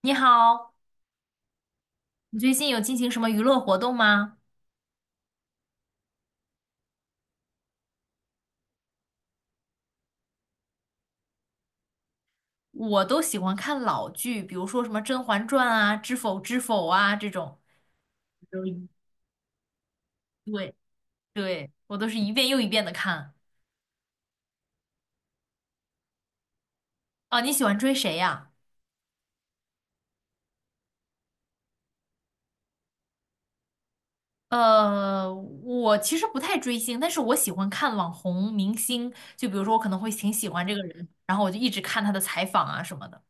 你好，你最近有进行什么娱乐活动吗？我都喜欢看老剧，比如说什么《甄嬛传》啊、《知否知否》啊这种，都一对对，我都是一遍又一遍的看。啊，你喜欢追谁呀？我其实不太追星，但是我喜欢看网红明星，就比如说我可能会挺喜欢这个人，然后我就一直看他的采访啊什么的。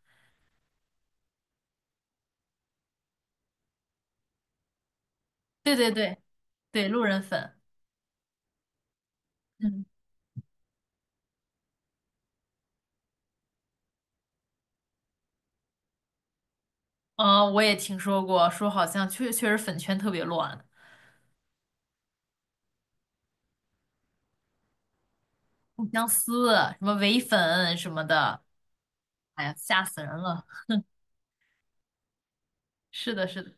对对对对，路人粉，嗯，我也听说过，说好像确实粉圈特别乱。互相撕，什么唯粉什么的，哎呀，吓死人了。是的，是的。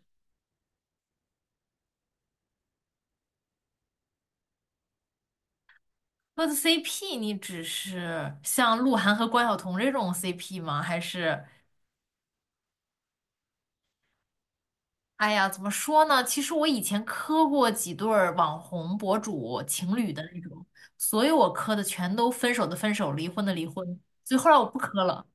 那 CP 你只是像鹿晗和关晓彤这种 CP 吗？还是，哎呀，怎么说呢？其实我以前磕过几对儿网红博主情侣的那种，所有我磕的全都分手的分手，离婚的离婚，所以后来我不磕了。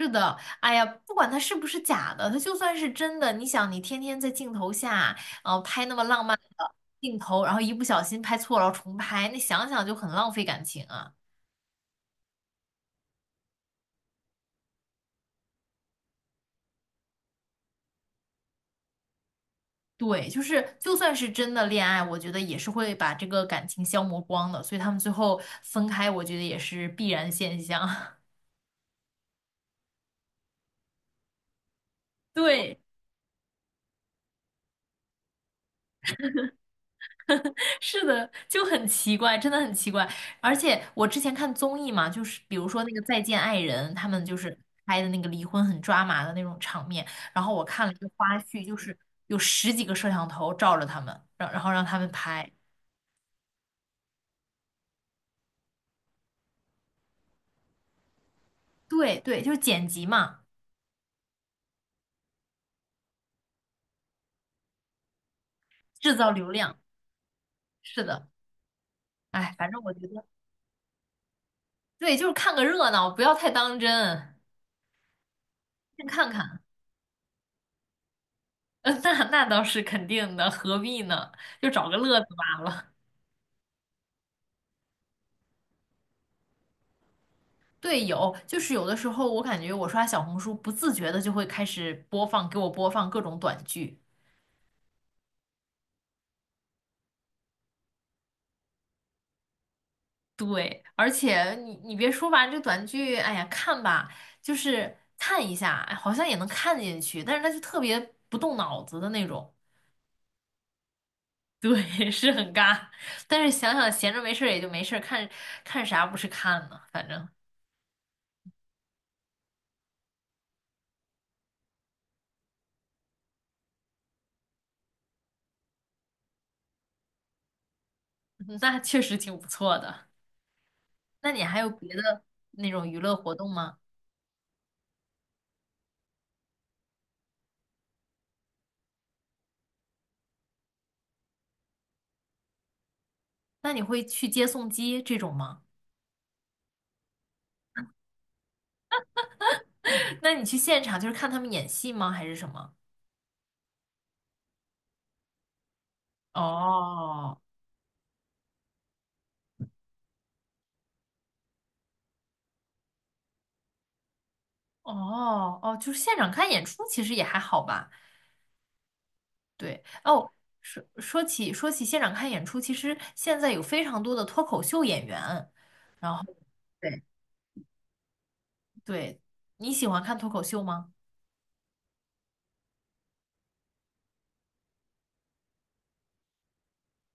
是的，哎呀，不管它是不是假的，它就算是真的，你想，你天天在镜头下，拍那么浪漫的镜头，然后一不小心拍错了，然后重拍，那想想就很浪费感情啊。对，就是就算是真的恋爱，我觉得也是会把这个感情消磨光的，所以他们最后分开，我觉得也是必然现象。对。是的，就很奇怪，真的很奇怪。而且我之前看综艺嘛，就是比如说那个《再见爱人》，他们就是拍的那个离婚很抓马的那种场面。然后我看了一个花絮，就是有十几个摄像头照着他们，然后让他们拍。对对，就是剪辑嘛，制造流量。是的，哎，反正我觉得，对，就是看个热闹，不要太当真，先看看。那那倒是肯定的，何必呢？就找个乐子罢了。对，有，就是有的时候我感觉我刷小红书不自觉的就会开始播放，给我播放各种短剧。对，而且你别说吧，这短剧，哎呀，看吧，就是看一下，哎好像也能看进去，但是它就特别不动脑子的那种。对，是很尬，但是想想闲着没事儿也就没事儿，看看啥不是看呢？反正 那确实挺不错的。那你还有别的那种娱乐活动吗？那你会去接送机这种吗？那你去现场就是看他们演戏吗？还是什么？哦哦哦，就是现场看演出，其实也还好吧。对哦，说起现场看演出，其实现在有非常多的脱口秀演员。然后对对，你喜欢看脱口秀吗？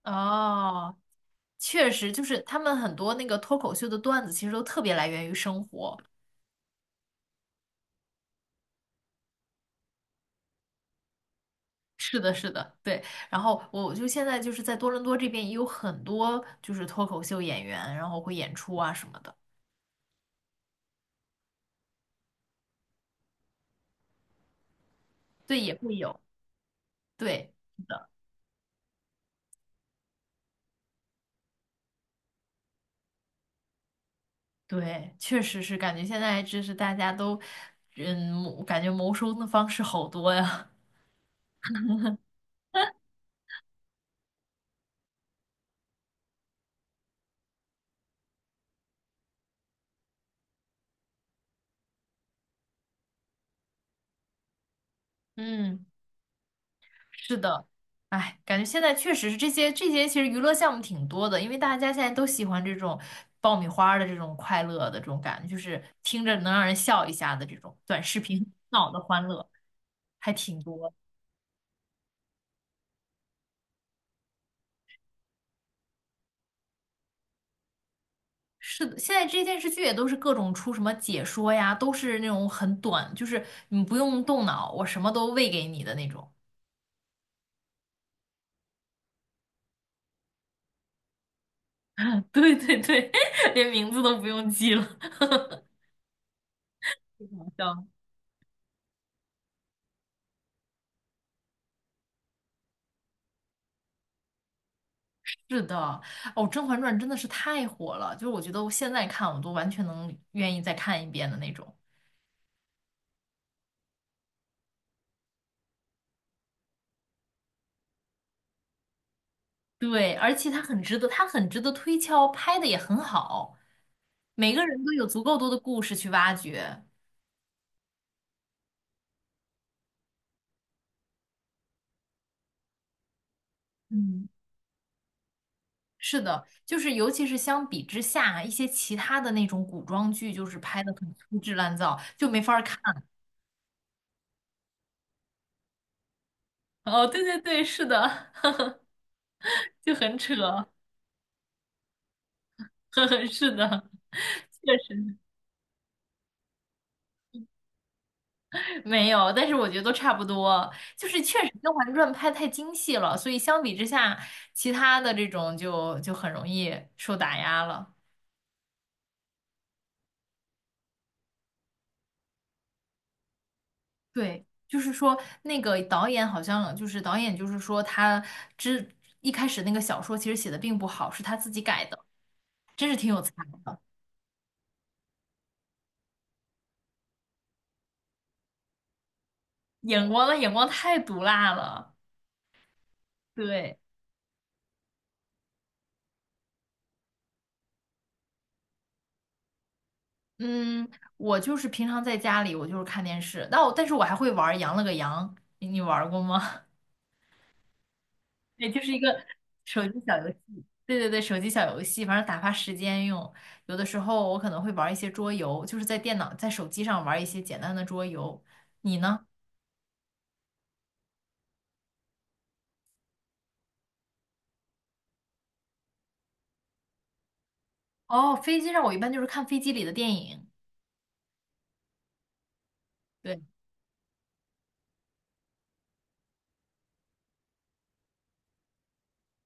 哦，确实，就是他们很多那个脱口秀的段子，其实都特别来源于生活。是的，是的，对。然后我就现在就是在多伦多这边也有很多就是脱口秀演员，然后会演出啊什么的，对，也会有，对，是的，对，确实是感觉现在就是大家都，嗯，感觉谋生的方式好多呀，嗯。是的，哎，感觉现在确实是这些，其实娱乐项目挺多的，因为大家现在都喜欢这种爆米花儿的这种快乐的这种感觉，就是听着能让人笑一下的这种短视频脑的欢乐，还挺多。是的，现在这些电视剧也都是各种出什么解说呀，都是那种很短，就是你不用动脑，我什么都喂给你的那种。对对对，连名字都不用记了，好笑。是的，哦，《甄嬛传》真的是太火了，就是我觉得我现在看我都完全能愿意再看一遍的那种。对，而且它很值得，它很值得推敲，拍的也很好，每个人都有足够多的故事去挖掘。嗯，是的，就是尤其是相比之下，一些其他的那种古装剧，就是拍的很粗制滥造，就没法儿看。哦，对对对，是的，就很扯，呵呵，是的，确实。没有，但是我觉得都差不多，就是确实《甄嬛传》拍太精细了，所以相比之下，其他的这种就很容易受打压了。对，就是说那个导演好像就是导演，就是说他之一开始那个小说其实写的并不好，是他自己改的，真是挺有才的，眼光太毒辣了。对，嗯，我就是平常在家里，我就是看电视，但是我还会玩儿羊了个羊》，你玩儿过吗？对，就是一个手机小游戏。对对对，手机小游戏，反正打发时间用。有的时候我可能会玩一些桌游，就是在电脑、在手机上玩一些简单的桌游。你呢？哦，飞机上我一般就是看飞机里的电影。对，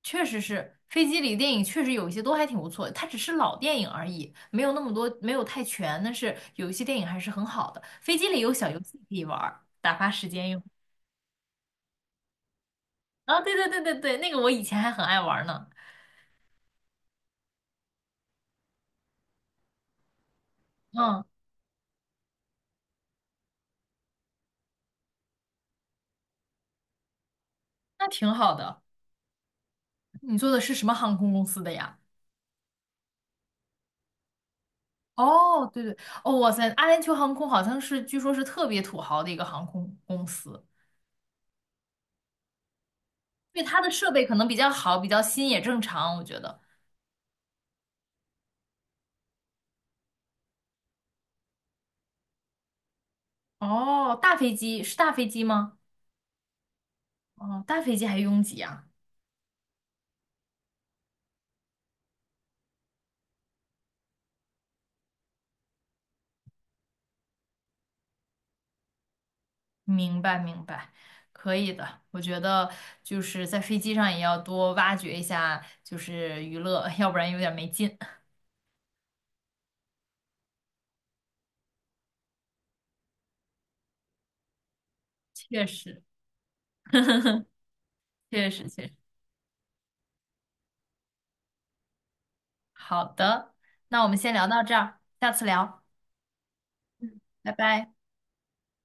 确实是飞机里的电影，确实有一些都还挺不错的。它只是老电影而已，没有那么多，没有太全，但是有一些电影还是很好的。飞机里有小游戏可以玩儿打发时间用。啊、对对对对对，那个我以前还很爱玩儿呢。嗯，那挺好的。你坐的是什么航空公司的呀？哦，对对，哦，哇塞，阿联酋航空好像是，据说是特别土豪的一个航空公司，因为它的设备可能比较好，比较新也正常，我觉得。哦，大飞机是大飞机吗？哦，大飞机还拥挤啊？明白明白，可以的。我觉得就是在飞机上也要多挖掘一下，就是娱乐，要不然有点没劲。确实，确实，确实。好的，那我们先聊到这儿，下次聊，拜拜。